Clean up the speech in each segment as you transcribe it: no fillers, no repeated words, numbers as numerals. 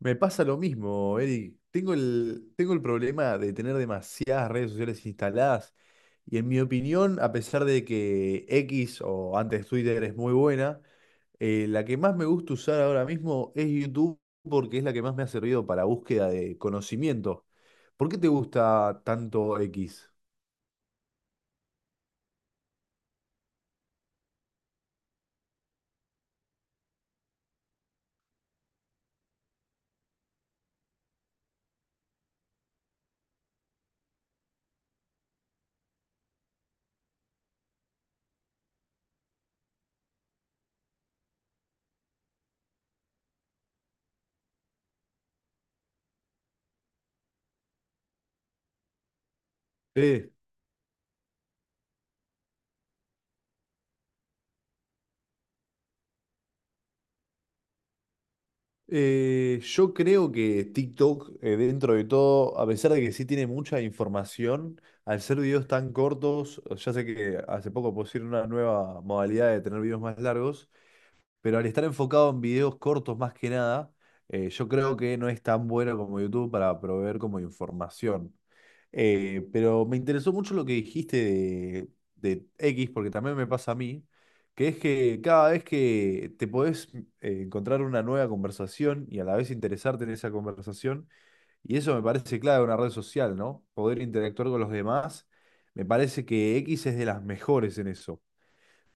Me pasa lo mismo, Eric. Tengo el problema de tener demasiadas redes sociales instaladas y en mi opinión, a pesar de que X o antes Twitter es muy buena, la que más me gusta usar ahora mismo es YouTube porque es la que más me ha servido para búsqueda de conocimiento. ¿Por qué te gusta tanto X? Sí. Yo creo que TikTok, dentro de todo, a pesar de que sí tiene mucha información, al ser videos tan cortos, ya sé que hace poco pusieron una nueva modalidad de tener videos más largos, pero al estar enfocado en videos cortos más que nada, yo creo que no es tan bueno como YouTube para proveer como información. Pero me interesó mucho lo que dijiste de X, porque también me pasa a mí, que es que cada vez que te podés encontrar una nueva conversación y a la vez interesarte en esa conversación, y eso me parece clave en una red social, ¿no? Poder interactuar con los demás, me parece que X es de las mejores en eso.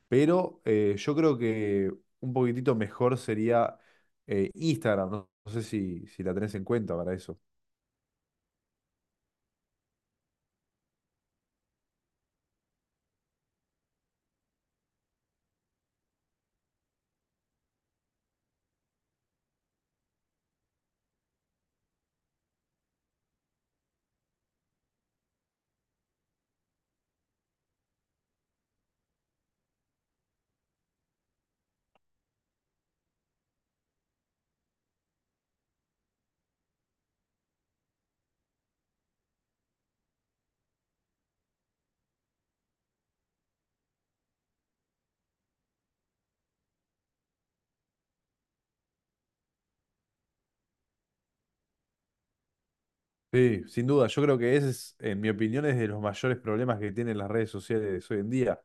Pero yo creo que un poquitito mejor sería Instagram, ¿no? No sé si la tenés en cuenta para eso. Sí, sin duda. Yo creo que ese es, en mi opinión, es de los mayores problemas que tienen las redes sociales hoy en día,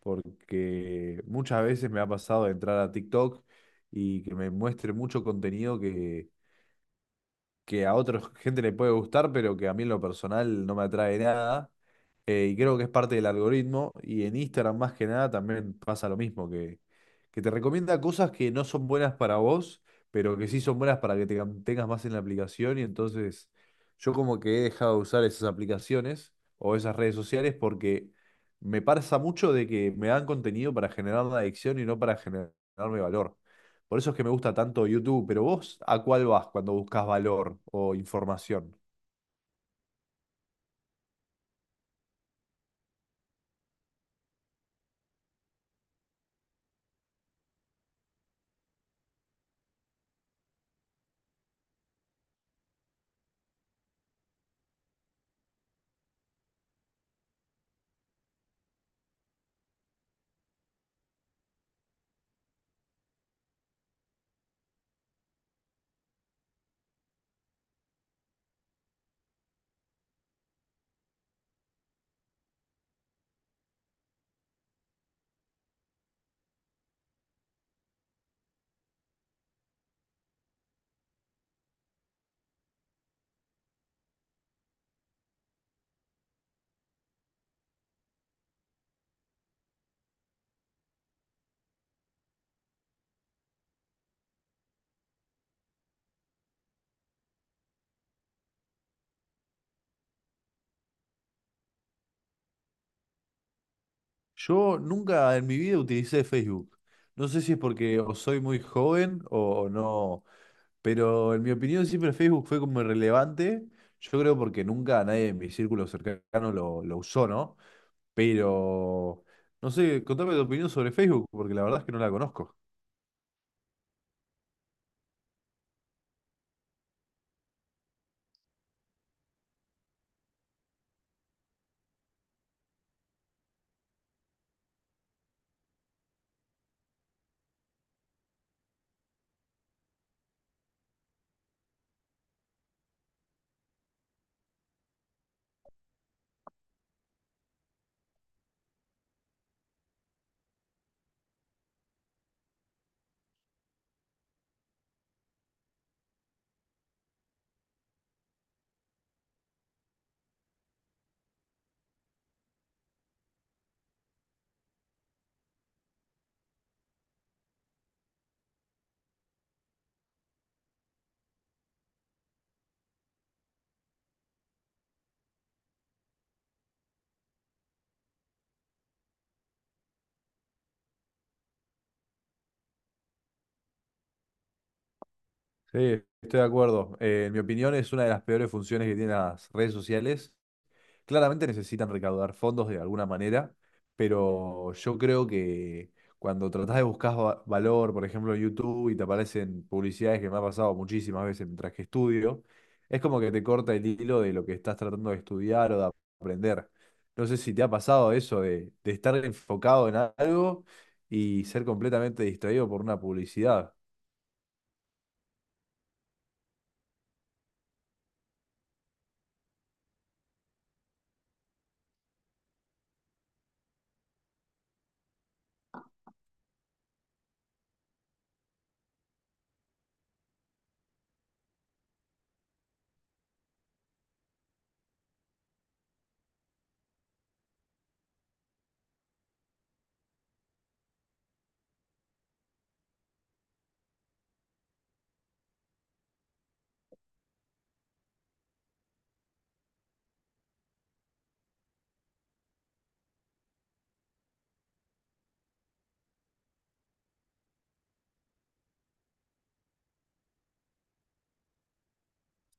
porque muchas veces me ha pasado de entrar a TikTok y que me muestre mucho contenido que a otra gente le puede gustar, pero que a mí en lo personal no me atrae nada. Y creo que es parte del algoritmo. Y en Instagram más que nada también pasa lo mismo, que te recomienda cosas que no son buenas para vos, pero que sí son buenas para que te mantengas más en la aplicación. Y entonces yo como que he dejado de usar esas aplicaciones o esas redes sociales porque me pasa mucho de que me dan contenido para generar una adicción y no para generarme valor. Por eso es que me gusta tanto YouTube, pero vos ¿a cuál vas cuando buscas valor o información? Yo nunca en mi vida utilicé Facebook. No sé si es porque o soy muy joven o no, pero en mi opinión siempre Facebook fue como irrelevante. Yo creo porque nunca nadie en mi círculo cercano lo usó, ¿no? Pero no sé, contame tu opinión sobre Facebook, porque la verdad es que no la conozco. Sí, estoy de acuerdo. En mi opinión es una de las peores funciones que tienen las redes sociales. Claramente necesitan recaudar fondos de alguna manera, pero yo creo que cuando tratás de buscar valor, por ejemplo, en YouTube y te aparecen publicidades que me ha pasado muchísimas veces mientras que estudio, es como que te corta el hilo de lo que estás tratando de estudiar o de aprender. No sé si te ha pasado eso de estar enfocado en algo y ser completamente distraído por una publicidad.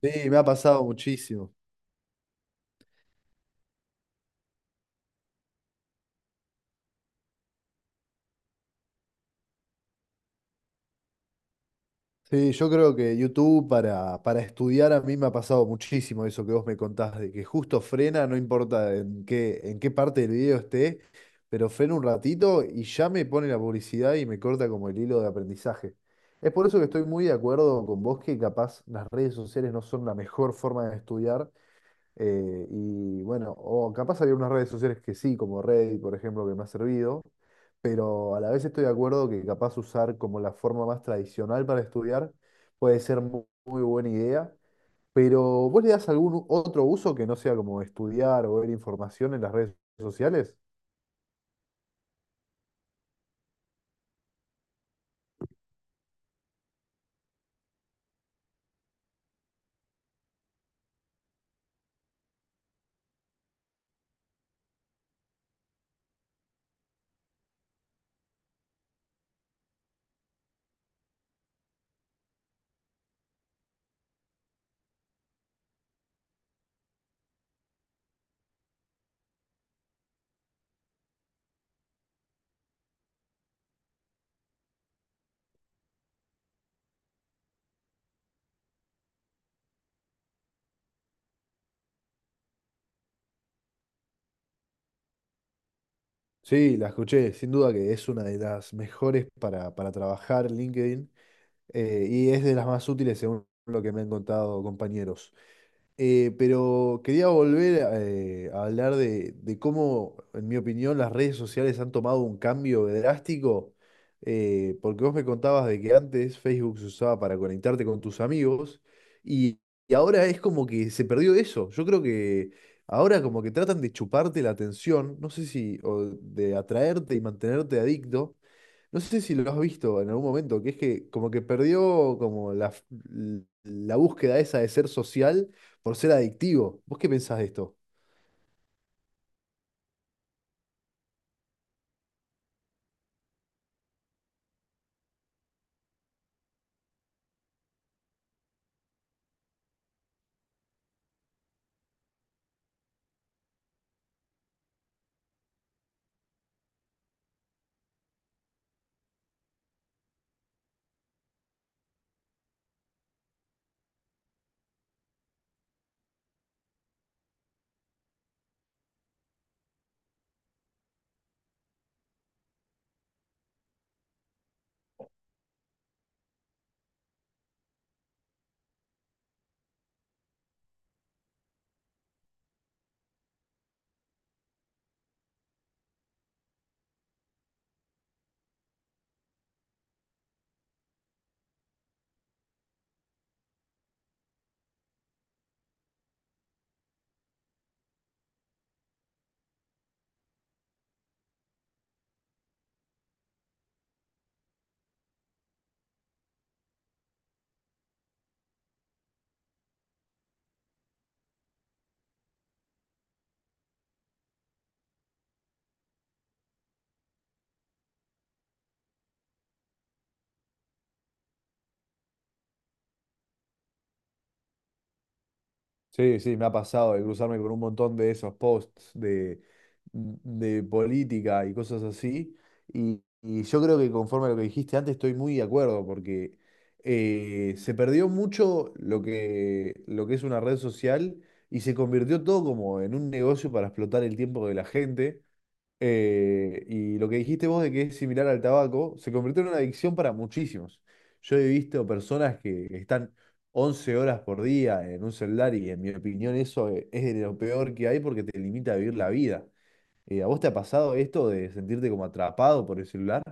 Sí, me ha pasado muchísimo. Sí, yo creo que YouTube para estudiar a mí me ha pasado muchísimo eso que vos me contás, de que justo frena, no importa en qué parte del video esté, pero frena un ratito y ya me pone la publicidad y me corta como el hilo de aprendizaje. Es por eso que estoy muy de acuerdo con vos que capaz las redes sociales no son la mejor forma de estudiar, y bueno, o capaz había unas redes sociales que sí, como Reddit, por ejemplo, que me ha servido, pero a la vez estoy de acuerdo que capaz usar como la forma más tradicional para estudiar puede ser muy buena idea, pero ¿vos le das algún otro uso que no sea como estudiar o ver información en las redes sociales? Sí, la escuché, sin duda que es una de las mejores para trabajar LinkedIn y es de las más útiles según lo que me han contado compañeros. Pero quería volver a hablar de cómo, en mi opinión, las redes sociales han tomado un cambio drástico, porque vos me contabas de que antes Facebook se usaba para conectarte con tus amigos y, y ahora es como que se perdió eso. Yo creo que ahora como que tratan de chuparte la atención, no sé si, o de atraerte y mantenerte adicto, no sé si lo has visto en algún momento, que es que como que perdió como la, la búsqueda esa de ser social por ser adictivo. ¿Vos qué pensás de esto? Sí, sí, me ha pasado de cruzarme con un montón de esos posts de política y cosas así. Y yo creo que conforme a lo que dijiste antes, estoy muy de acuerdo, porque se perdió mucho lo que es una red social y se convirtió todo como en un negocio para explotar el tiempo de la gente. Y lo que dijiste vos de que es similar al tabaco, se convirtió en una adicción para muchísimos. Yo he visto personas que están 11 horas por día en un celular y en mi opinión eso es de lo peor que hay porque te limita a vivir la vida. ¿A vos te ha pasado esto de sentirte como atrapado por el celular?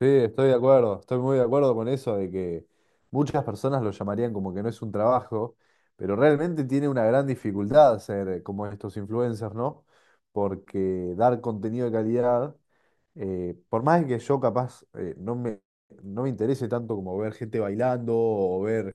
Sí, estoy de acuerdo, estoy muy de acuerdo con eso de que muchas personas lo llamarían como que no es un trabajo, pero realmente tiene una gran dificultad ser como estos influencers, ¿no? Porque dar contenido de calidad, por más que yo capaz no me interese tanto como ver gente bailando o ver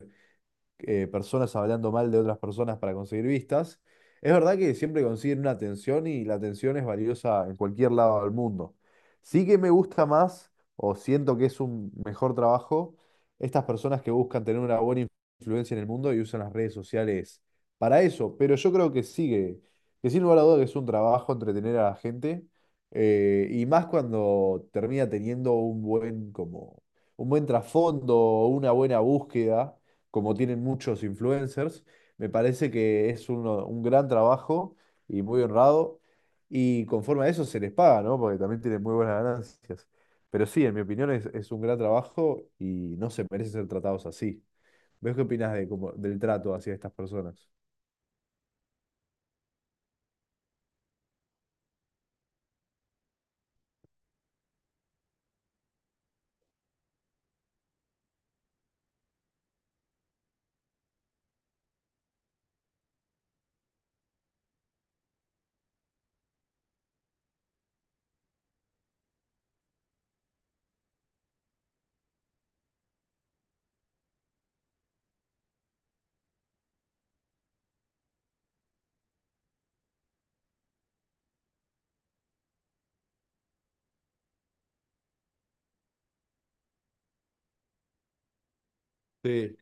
personas hablando mal de otras personas para conseguir vistas. Es verdad que siempre consiguen una atención y la atención es valiosa en cualquier lado del mundo. Sí que me gusta más o siento que es un mejor trabajo estas personas que buscan tener una buena influencia en el mundo y usan las redes sociales para eso, pero yo creo que sigue, que sin lugar a duda que es un trabajo entretener a la gente y más cuando termina teniendo un buen como un buen trasfondo, una buena búsqueda como tienen muchos influencers. Me parece que es un gran trabajo y muy honrado. Y conforme a eso se les paga, ¿no? Porque también tienen muy buenas ganancias. Pero sí, en mi opinión es un gran trabajo y no se merecen ser tratados así. ¿Ves qué opinas de, como del trato hacia estas personas? Sí.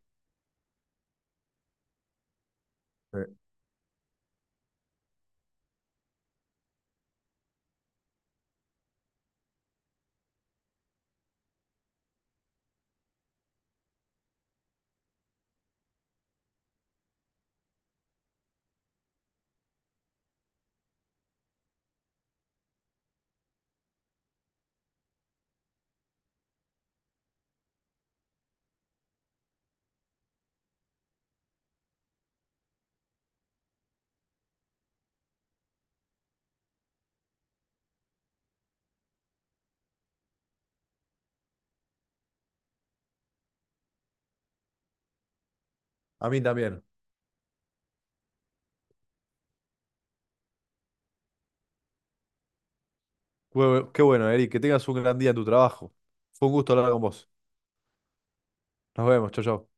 Sí. A mí también. Qué qué bueno, Eric, que tengas un gran día en tu trabajo. Fue un gusto hablar con vos. Nos vemos, chau, chau.